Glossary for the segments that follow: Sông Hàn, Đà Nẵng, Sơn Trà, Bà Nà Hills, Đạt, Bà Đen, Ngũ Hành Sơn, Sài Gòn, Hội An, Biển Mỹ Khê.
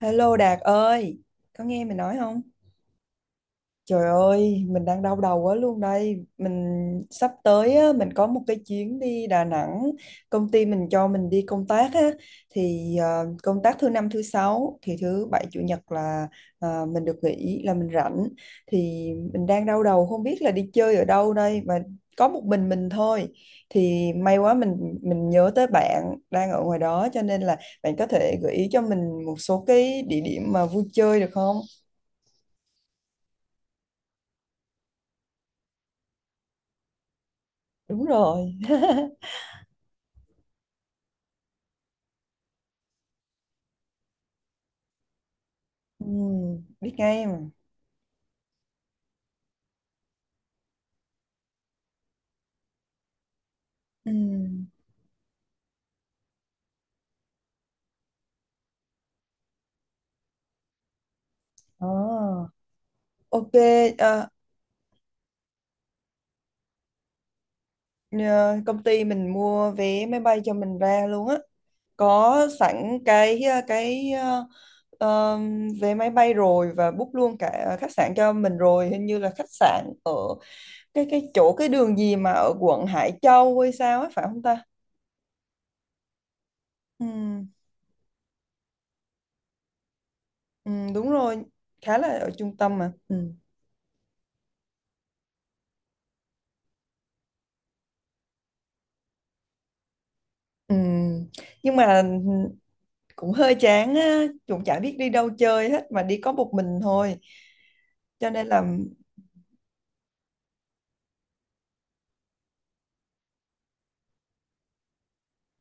Hello Đạt ơi, có nghe mình nói không? Trời ơi, mình đang đau đầu quá luôn đây. Mình sắp tới á, mình có một cái chuyến đi Đà Nẵng. Công ty mình cho mình đi công tác á, thì công tác thứ năm thứ sáu thì thứ bảy chủ nhật là mình được nghỉ là mình rảnh. Thì mình đang đau đầu không biết là đi chơi ở đâu đây mà có một mình thôi. Thì may quá mình nhớ tới bạn đang ở ngoài đó, cho nên là bạn có thể gợi ý cho mình một số cái địa điểm mà vui chơi được không? Đúng rồi. Ừ, biết ngay mà. Ừ. Ờ, ok. ờ, Nhờ công ty mình mua vé máy bay cho mình ra luôn á. Có sẵn cái vé máy bay rồi và book luôn cả khách sạn cho mình rồi. Hình như là khách sạn ở cái chỗ cái đường gì mà ở quận Hải Châu hay sao ấy phải không ta? Ừ, ừ, đúng rồi. Khá là ở trung tâm mà. Ừ. Ừ. Nhưng mà cũng hơi chán á, cũng chả biết đi đâu chơi hết mà đi có một mình thôi, cho nên là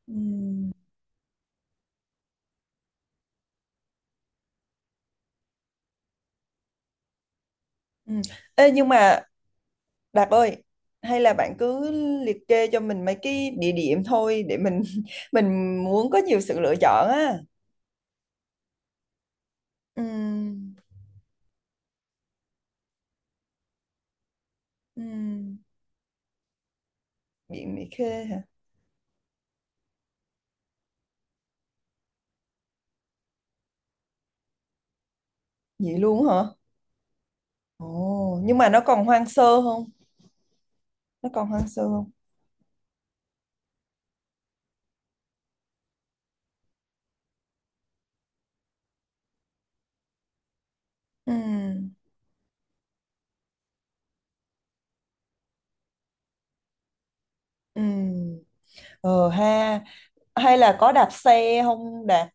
Ừm, ừm. Ê, nhưng mà Đạt ơi, hay là bạn cứ liệt kê cho mình mấy cái địa điểm thôi, để mình mình muốn có nhiều sự lựa chọn á. Ừm, ừm, Biển Mỹ Khê hả? Vậy luôn hả? Ồ nhưng mà nó còn hoang sơ không? Nó còn hoang sơ không? Ừm, ừm. Ờ ha, hay là có đạp xe không Đạt,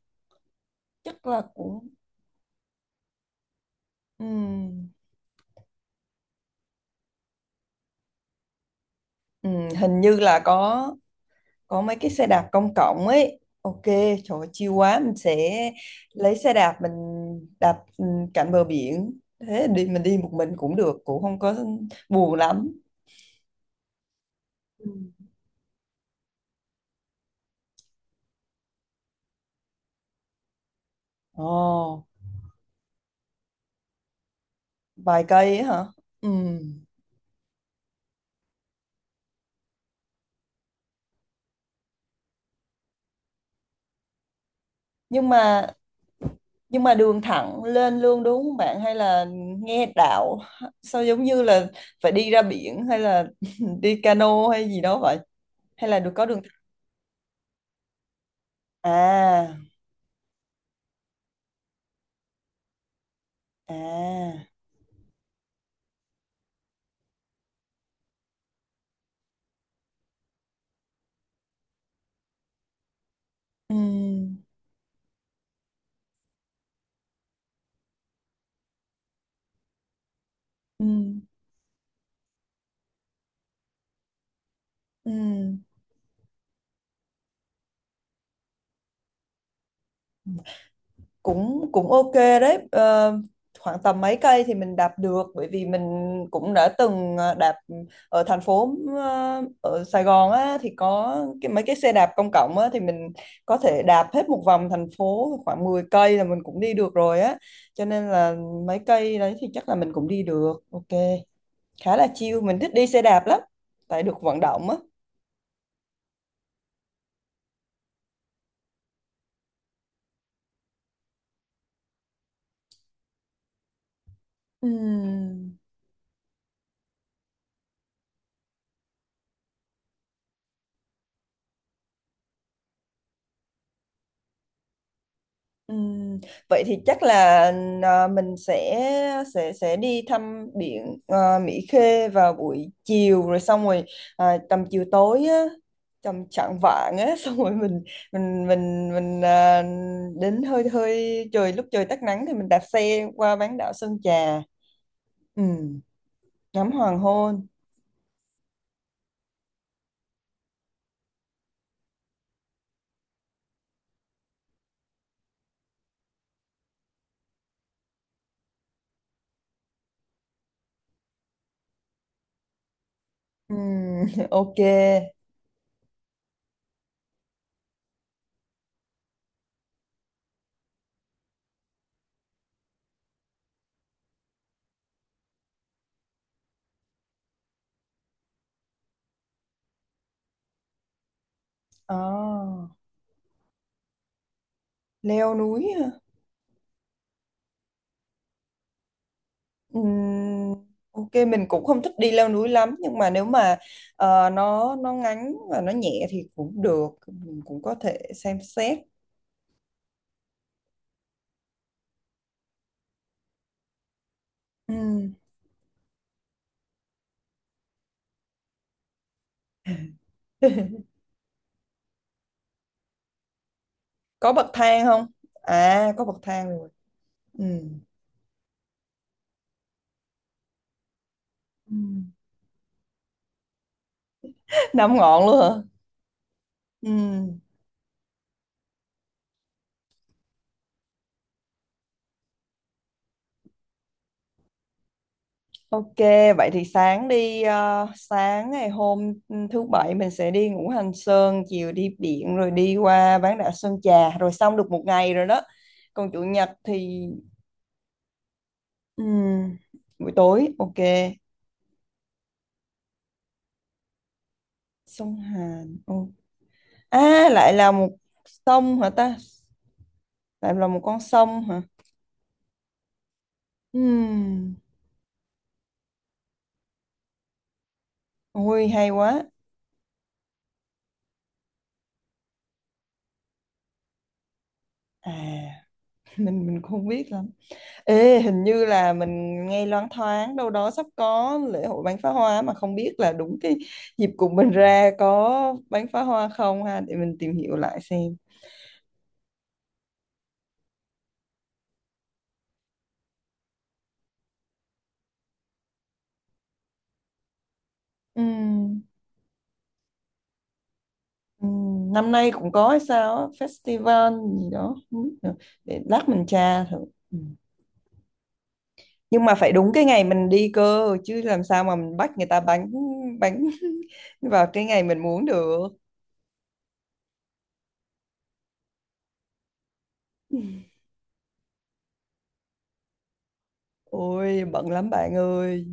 chắc là cũng. Ừ. Ừ, hình như là có mấy cái xe đạp công cộng ấy. Ok, trời ơi, chill quá, mình sẽ lấy xe đạp mình đạp cạnh bờ biển. Thế đi mình đi một mình cũng được, cũng không có buồn lắm. Ừ. Ồ, vài cây ấy hả? Ừ. Nhưng mà nhưng mà đường thẳng lên luôn đúng không bạn, hay là nghe đạo sao giống như là phải đi ra biển hay là đi cano hay gì đó vậy? Hay là được có đường thẳng? À. À, ừ ừ ừ, cũng cũng ok đấy. Ờ, khoảng tầm mấy cây thì mình đạp được, bởi vì mình cũng đã từng đạp ở thành phố ở Sài Gòn á, thì có cái mấy cái xe đạp công cộng á, thì mình có thể đạp hết một vòng thành phố khoảng 10 cây là mình cũng đi được rồi á. Cho nên là mấy cây đấy thì chắc là mình cũng đi được. Ok. Khá là chill, mình thích đi xe đạp lắm. Tại được vận động á. Ừ. Ừm, vậy thì chắc là mình sẽ đi thăm biển Mỹ Khê vào buổi chiều, rồi xong rồi tầm chiều tối á, tầm chạng vạng á, xong rồi mình đến hơi hơi trời, lúc trời tắt nắng thì mình đạp xe qua bán đảo Sơn Trà, ừm, ngắm hoàng hôn. Ok. À, leo núi hả? Ừm, ok mình cũng không thích đi leo núi lắm, nhưng mà nếu mà nó ngắn và nó nhẹ thì cũng được, mình cũng có thể xem xét. Ừm. Có bậc thang không? À có bậc thang rồi. Ừm. Ừm. Năm ngọn luôn hả? Ừm. Ok vậy thì sáng đi, sáng ngày hôm thứ bảy mình sẽ đi Ngũ Hành Sơn, chiều đi biển rồi đi qua bán đảo Sơn Trà, rồi xong được một ngày rồi đó. Còn chủ nhật thì ừm, buổi tối ok. Sông Hàn oh. À lại là một sông hả ta? Lại là một con sông hả? Ừm, ui hay quá. À mình cũng không biết lắm. Ê hình như là mình nghe loáng thoáng đâu đó sắp có lễ hội bắn phá hoa, mà không biết là đúng cái dịp cùng mình ra có bắn phá hoa không ha, để mình tìm hiểu lại xem. Ừ. Ừ, năm nay cũng có hay sao á, festival gì đó không biết nữa. Để lát mình tra thử. Ừ. Nhưng mà phải đúng cái ngày mình đi cơ chứ, làm sao mà mình bắt người ta bánh bánh vào cái ngày mình muốn được. Ừ. Ôi bận lắm bạn ơi.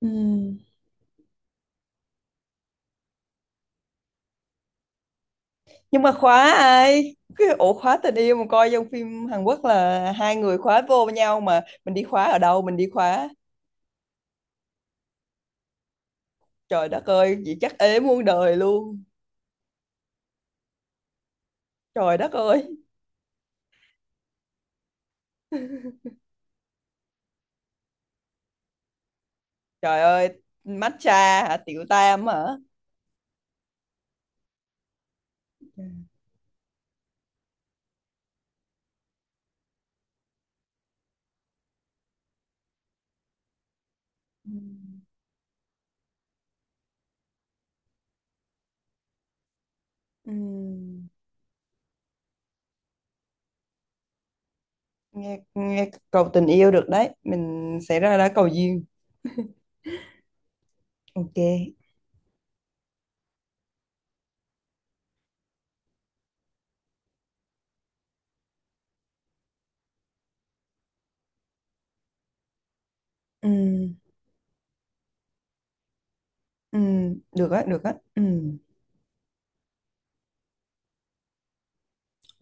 Ừ. Nhưng mà khóa ai, cái ổ khóa tình yêu mà coi trong phim Hàn Quốc là hai người khóa vô với nhau, mà mình đi khóa ở đâu, mình đi khóa. Trời đất ơi vậy chắc ế muôn đời luôn. Trời đất ơi. Trời ơi, matcha hả? Tiểu tam hả? Ừ. Ừ. Nghe, nghe cầu tình yêu được đấy. Mình sẽ ra đó cầu duyên. Ok. Ừ. Ừ. Được á, được á. Ừ.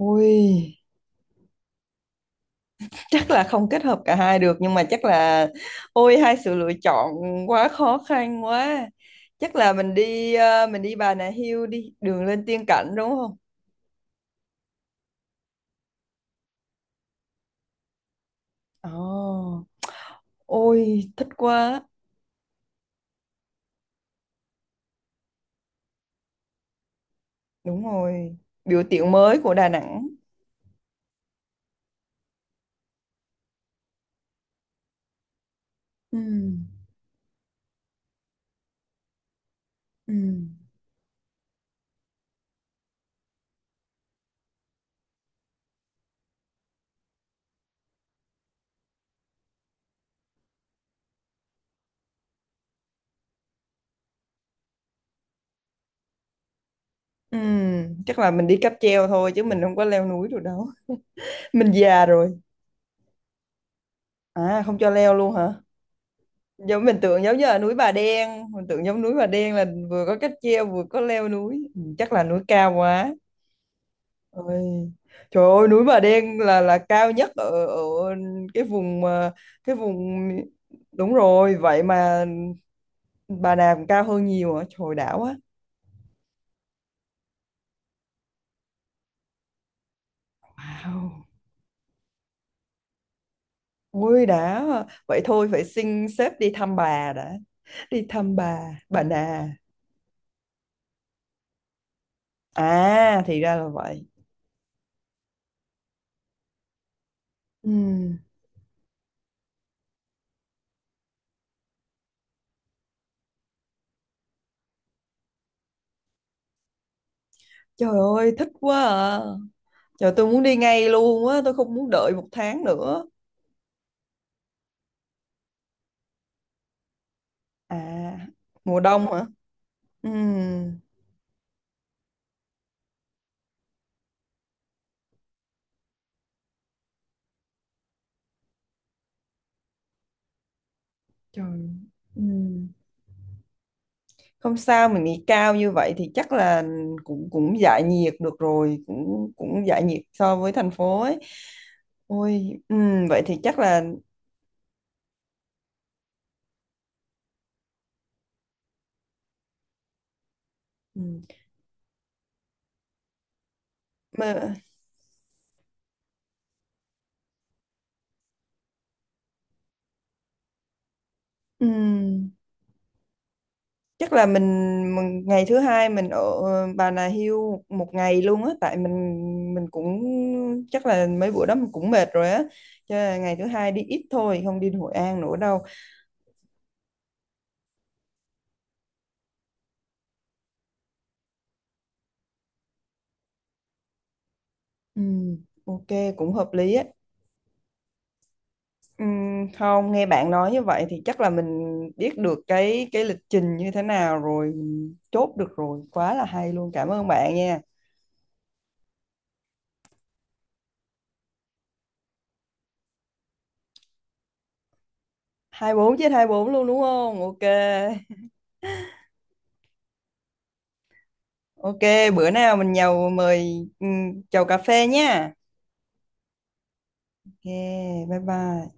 Ôi, chắc là không kết hợp cả hai được, nhưng mà chắc là ôi, hai sự lựa chọn quá khó khăn quá. Chắc là mình đi mình đi Bà Nà Hills đi, đường lên tiên cảnh đúng không? Ồ, ôi thích quá. Đúng rồi. Biểu tượng mới của Đà Nẵng. Ừ. Ừ. Ừ, chắc là mình đi cáp treo thôi chứ mình không có leo núi được đâu. Mình già rồi. À, không cho leo luôn hả? Giống mình tưởng giống như là núi Bà Đen, mình tưởng giống núi Bà Đen là vừa có cáp treo vừa có leo núi. Ừ, chắc là núi cao quá. Ôi. Trời ơi, núi Bà Đen là cao nhất ở ở cái vùng mà- cái vùng đúng rồi, vậy mà Bà Nà cũng cao hơn nhiều hả? Trời đảo quá. Wow. Ui đã, vậy thôi phải xin sếp đi thăm bà đã, đi thăm bà nà. À thì ra là vậy. Ừm, trời ơi thích quá à, trời tôi muốn đi ngay luôn á, tôi không muốn đợi một tháng nữa. À mùa đông hả? Ừm, trời. Ừm, không sao mình nghỉ cao như vậy thì chắc là cũng cũng giải nhiệt được rồi, cũng cũng giải nhiệt so với thành phố ấy. Ôi vậy thì chắc là ừm. Ừm, chắc là mình ngày thứ hai mình ở Bà Nà Hills một một ngày luôn á, tại mình cũng chắc là mấy bữa đó mình cũng mệt rồi á, cho nên là ngày thứ hai đi ít thôi, không đi Hội An nữa đâu. Ừm, ok cũng hợp lý á. Không nghe bạn nói như vậy thì chắc là mình biết được cái lịch trình như thế nào rồi, mình chốt được rồi, quá là hay luôn, cảm ơn bạn nha. 24 trên 24 luôn đúng không, ok. Ok, bữa nào mình nhậu mời chầu cà phê nha. Ok, bye bye.